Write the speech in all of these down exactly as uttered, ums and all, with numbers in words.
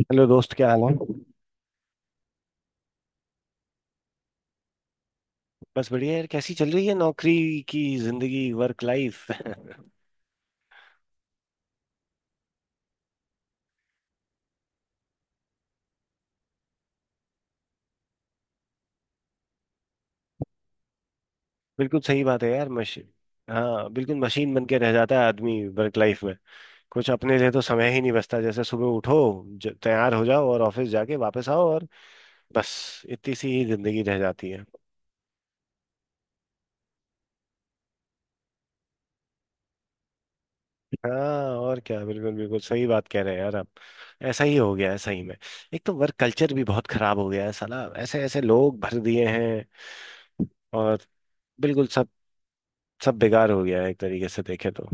Hello दोस्त, क्या हाल है? बस बढ़िया यार। कैसी चल रही है नौकरी की जिंदगी, वर्क लाइफ? बिल्कुल सही बात है यार, मशीन। हाँ, बिल्कुल मशीन बन के रह जाता है आदमी वर्क लाइफ में। कुछ अपने लिए तो समय ही नहीं बचता, जैसे सुबह उठो, ज- तैयार हो जाओ और ऑफिस जाके वापस आओ, और बस इतनी सी ही जिंदगी रह जाती है। हाँ और क्या, बिल्कुल बिल्कुल सही बात कह रहे हैं यार आप। ऐसा ही हो गया है सही में। एक तो वर्क कल्चर भी बहुत खराब हो गया है साला, ऐसे ऐसे लोग भर दिए हैं, और बिल्कुल सब बेकार हो गया है एक तरीके से देखे तो।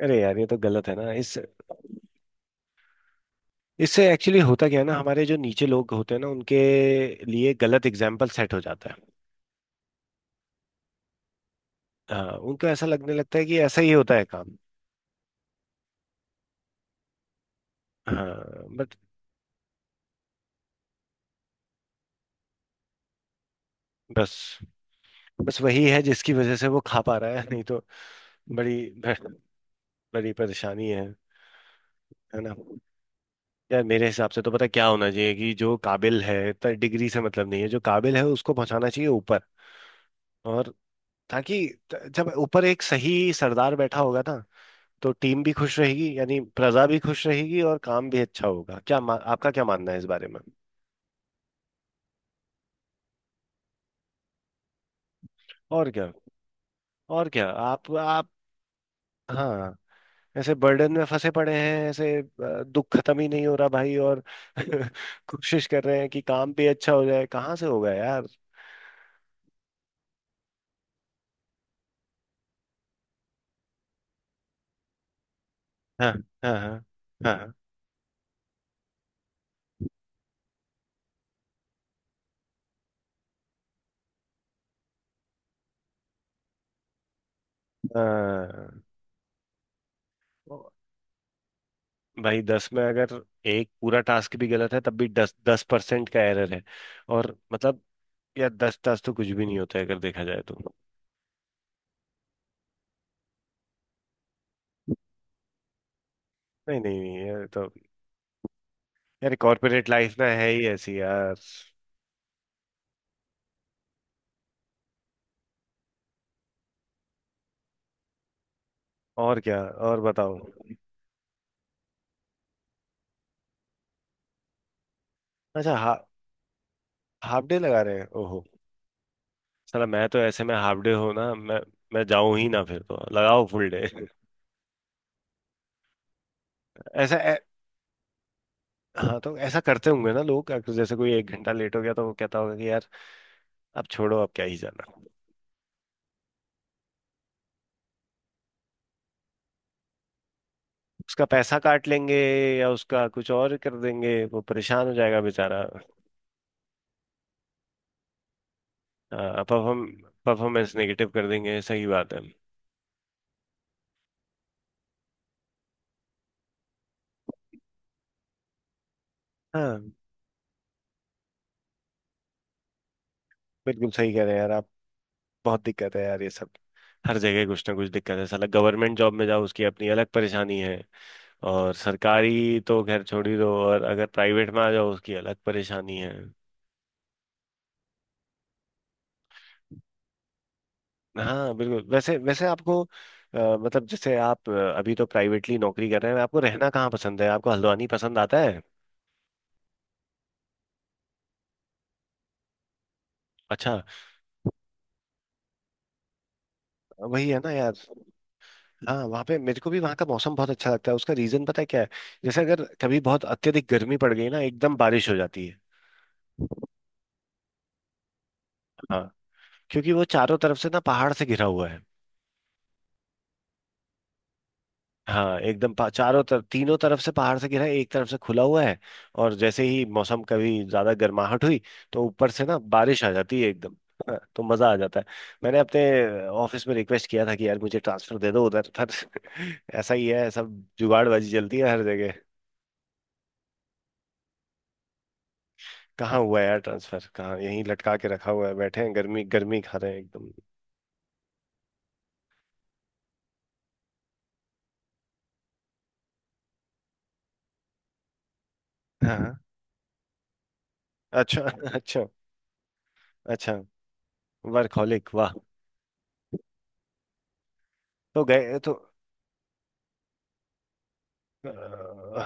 अरे यार, ये तो गलत है ना इस। इससे एक्चुअली होता क्या है ना, हमारे जो नीचे लोग होते हैं ना उनके लिए गलत एग्जाम्पल सेट हो जाता है। हाँ, उनको ऐसा लगने लगता है कि ऐसा ही होता है काम। हाँ बट बस बस वही है जिसकी वजह से वो खा पा रहा है, नहीं तो बड़ी बड़ी परेशानी है है ना। यार मेरे हिसाब से तो पता है क्या होना चाहिए, कि जो काबिल है, डिग्री से मतलब नहीं है, जो काबिल है उसको पहुंचाना चाहिए ऊपर। और ताकि त- जब ऊपर एक सही सरदार बैठा होगा ना, तो टीम भी खुश रहेगी, यानी प्रजा भी खुश रहेगी और काम भी अच्छा होगा। क्या मा, आपका क्या मानना है इस बारे में? और क्या, और क्या आप आप। हाँ, ऐसे बर्डन में फंसे पड़े हैं ऐसे अ, दुख खत्म ही नहीं हो रहा भाई और कोशिश कर रहे हैं कि काम भी अच्छा हो जाए, कहाँ से होगा यार। हाँ, हाँ, हाँ, हाँ, हाँ। भाई दस में अगर एक पूरा टास्क भी गलत है, तब भी दस दस परसेंट का एरर है। और मतलब यार दस टास्क तो कुछ भी नहीं होता है अगर देखा जाए तो। नहीं, नहीं, नहीं, यार तो यार कॉर्पोरेट लाइफ ना है ही ऐसी यार। और क्या, और बताओ। अच्छा, हा, हाफ डे लगा रहे हैं, ओहो। साला मैं तो ऐसे में हाफ डे हो ना, मैं मैं जाऊं ही ना, फिर तो लगाओ फुल डे। ऐसा ऐ, हाँ, तो ऐसा करते होंगे ना लोग, अगर जैसे कोई एक घंटा लेट हो गया तो वो कहता होगा कि यार अब छोड़ो, अब क्या ही जाना। उसका पैसा काट लेंगे या उसका कुछ और कर देंगे, वो परेशान हो जाएगा बेचारा। हाँ, परफॉर्म परफॉर्मेंस नेगेटिव कर देंगे, सही बात है। हाँ, बिल्कुल सही कह रहे हैं यार आप। बहुत दिक्कत है यार ये सब। हर जगह कुछ ना कुछ दिक्कत है साला, गवर्नमेंट जॉब में जाओ उसकी अपनी अलग परेशानी है। और सरकारी तो खैर छोड़ ही दो, और अगर प्राइवेट में आ जाओ उसकी अलग परेशानी है। हाँ बिल्कुल, वैसे वैसे आपको अ, मतलब जैसे आप अ, अभी तो प्राइवेटली नौकरी कर रहे हैं, आपको रहना कहाँ पसंद है? आपको हल्द्वानी पसंद आता है? अच्छा। वही है ना यार। हाँ, वहाँ पे मेरे को भी वहाँ का मौसम बहुत अच्छा लगता है। उसका रीजन पता है क्या है? जैसे अगर कभी बहुत अत्यधिक गर्मी पड़ गई ना एकदम बारिश हो जाती है। हाँ, क्योंकि वो चारों तरफ से ना पहाड़ से घिरा हुआ है। हाँ, एकदम पा- चारों तरफ, तीनों तरफ से पहाड़ से घिरा है, एक तरफ से खुला हुआ है। और जैसे ही मौसम कभी ज्यादा गर्माहट हुई तो ऊपर से ना बारिश आ जाती है एकदम। हाँ, तो मजा आ जाता है। मैंने अपने ऑफिस में रिक्वेस्ट किया था कि यार मुझे ट्रांसफर दे दो उधर पर। ऐसा ही है, सब जुगाड़बाजी चलती है हर जगह। कहाँ हुआ है यार ट्रांसफर? कहाँ, यहीं लटका के रखा हुआ है, बैठे हैं गर्मी गर्मी खा रहे हैं एकदम। हाँ। अच्छा अच्छा अच्छा। वर्कहोलिक, वाह। तो गए तो अ,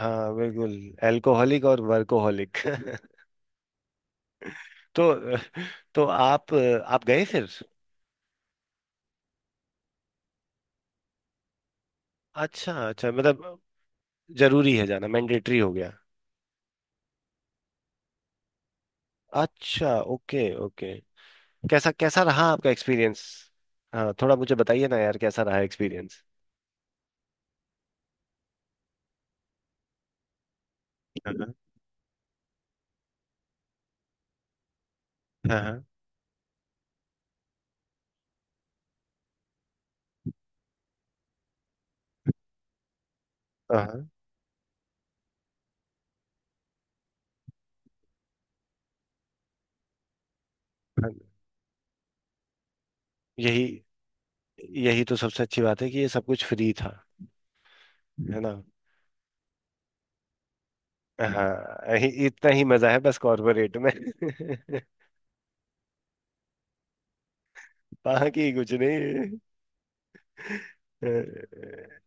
हाँ बिल्कुल, एल्कोहलिक और वर्कोहलिक। तो तो आप आप गए फिर। अच्छा अच्छा, मतलब जरूरी है जाना, मैंडेटरी हो गया। अच्छा, ओके ओके। कैसा कैसा रहा आपका एक्सपीरियंस? हाँ, थोड़ा मुझे बताइए ना यार, कैसा रहा एक्सपीरियंस? हाँ, हाँ, हाँ, हाँ। यही यही तो सबसे अच्छी बात है कि ये सब कुछ फ्री था, है ना। हाँ, यही- इतना ही मजा है बस कॉर्पोरेट में। बाकी कुछ नहीं है।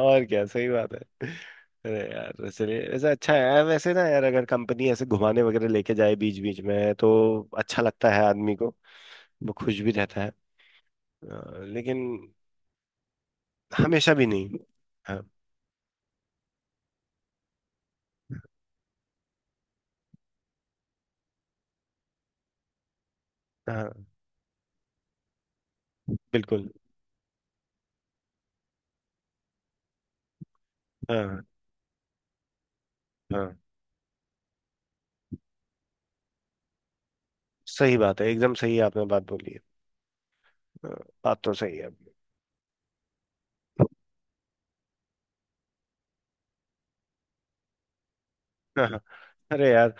और क्या, सही बात है। अरे यार चलिए, ऐसा अच्छा है वैसे ना यार, अगर कंपनी ऐसे घुमाने वगैरह लेके जाए बीच बीच में, तो अच्छा लगता है आदमी को, वो खुश भी रहता है। अ, लेकिन हमेशा भी नहीं। हाँ, हाँ बिल्कुल। हाँ, हाँ सही बात है, एकदम सही आपने बात बोली है। हाँ, बात तो सही है। हाँ, अरे यार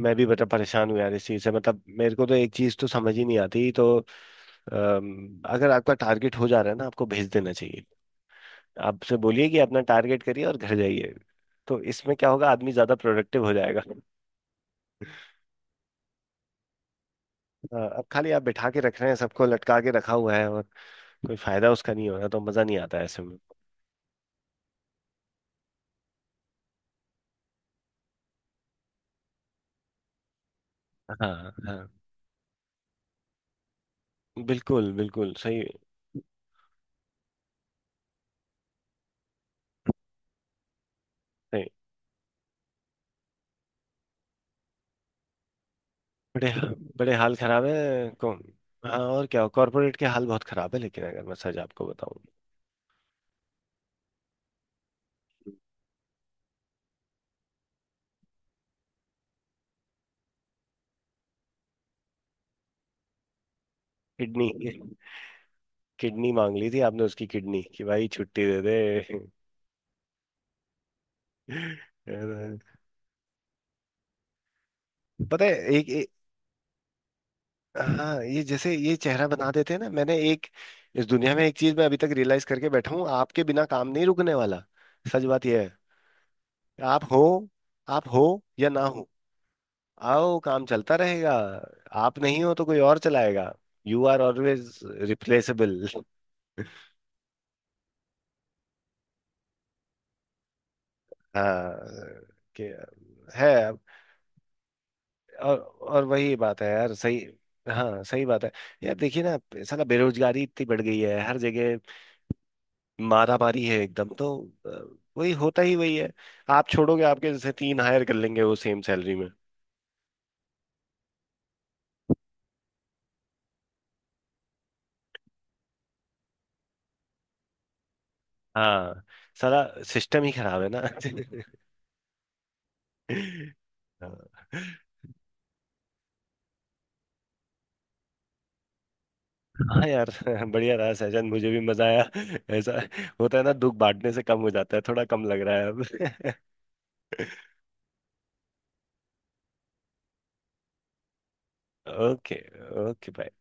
मैं भी बड़ा परेशान हूँ यार इस चीज से, मतलब मेरे को तो एक चीज तो समझ ही नहीं आती तो अम, अगर आपका टारगेट हो जा रहा है ना, आपको भेज देना चाहिए। आपसे बोलिए कि अपना टारगेट करिए और घर जाइए। तो इसमें क्या होगा, आदमी ज्यादा प्रोडक्टिव हो जाएगा। हाँ, अब खाली आप बिठा के रख रहे हैं, सबको लटका के रखा हुआ है और कोई फायदा उसका नहीं हो रहा, तो मजा नहीं आता है ऐसे में। हाँ, हाँ बिल्कुल बिल्कुल सही सही। बड़े बड़े हाल खराब है कौन। हाँ, और क्या, कॉर्पोरेट के हाल बहुत खराब है, लेकिन अगर मैं सच आपको बताऊं, किडनी किडनी मांग ली थी आपने उसकी किडनी कि भाई छुट्टी दे दे। पता है एक, एक। हाँ, ये जैसे ये चेहरा बना देते हैं ना, मैंने एक इस दुनिया में एक चीज मैं अभी तक रियलाइज करके बैठा हूँ, आपके बिना काम नहीं रुकने वाला। सच बात यह है। आप हो, आप हो या ना हो, आओ काम चलता रहेगा। आप नहीं हो तो कोई और चलाएगा। You are always replaceable. हाँ, के है। और और वही बात है यार, सही। हाँ, सही बात है। यार देखिए ना, साला बेरोजगारी इतनी बढ़ गई है हर जगह, मारामारी है एकदम तो अ, वही होता ही वही है, आप छोड़ोगे आपके जैसे तीन हायर कर लेंगे वो सेम सैलरी में। हाँ, साला सिस्टम ही खराब है ना। हाँ यार, बढ़िया रहा सहजन, मुझे भी मजा आया। ऐसा होता है ना, दुख बांटने से कम हो जाता है, थोड़ा कम लग रहा है अब। Okay, okay, bye.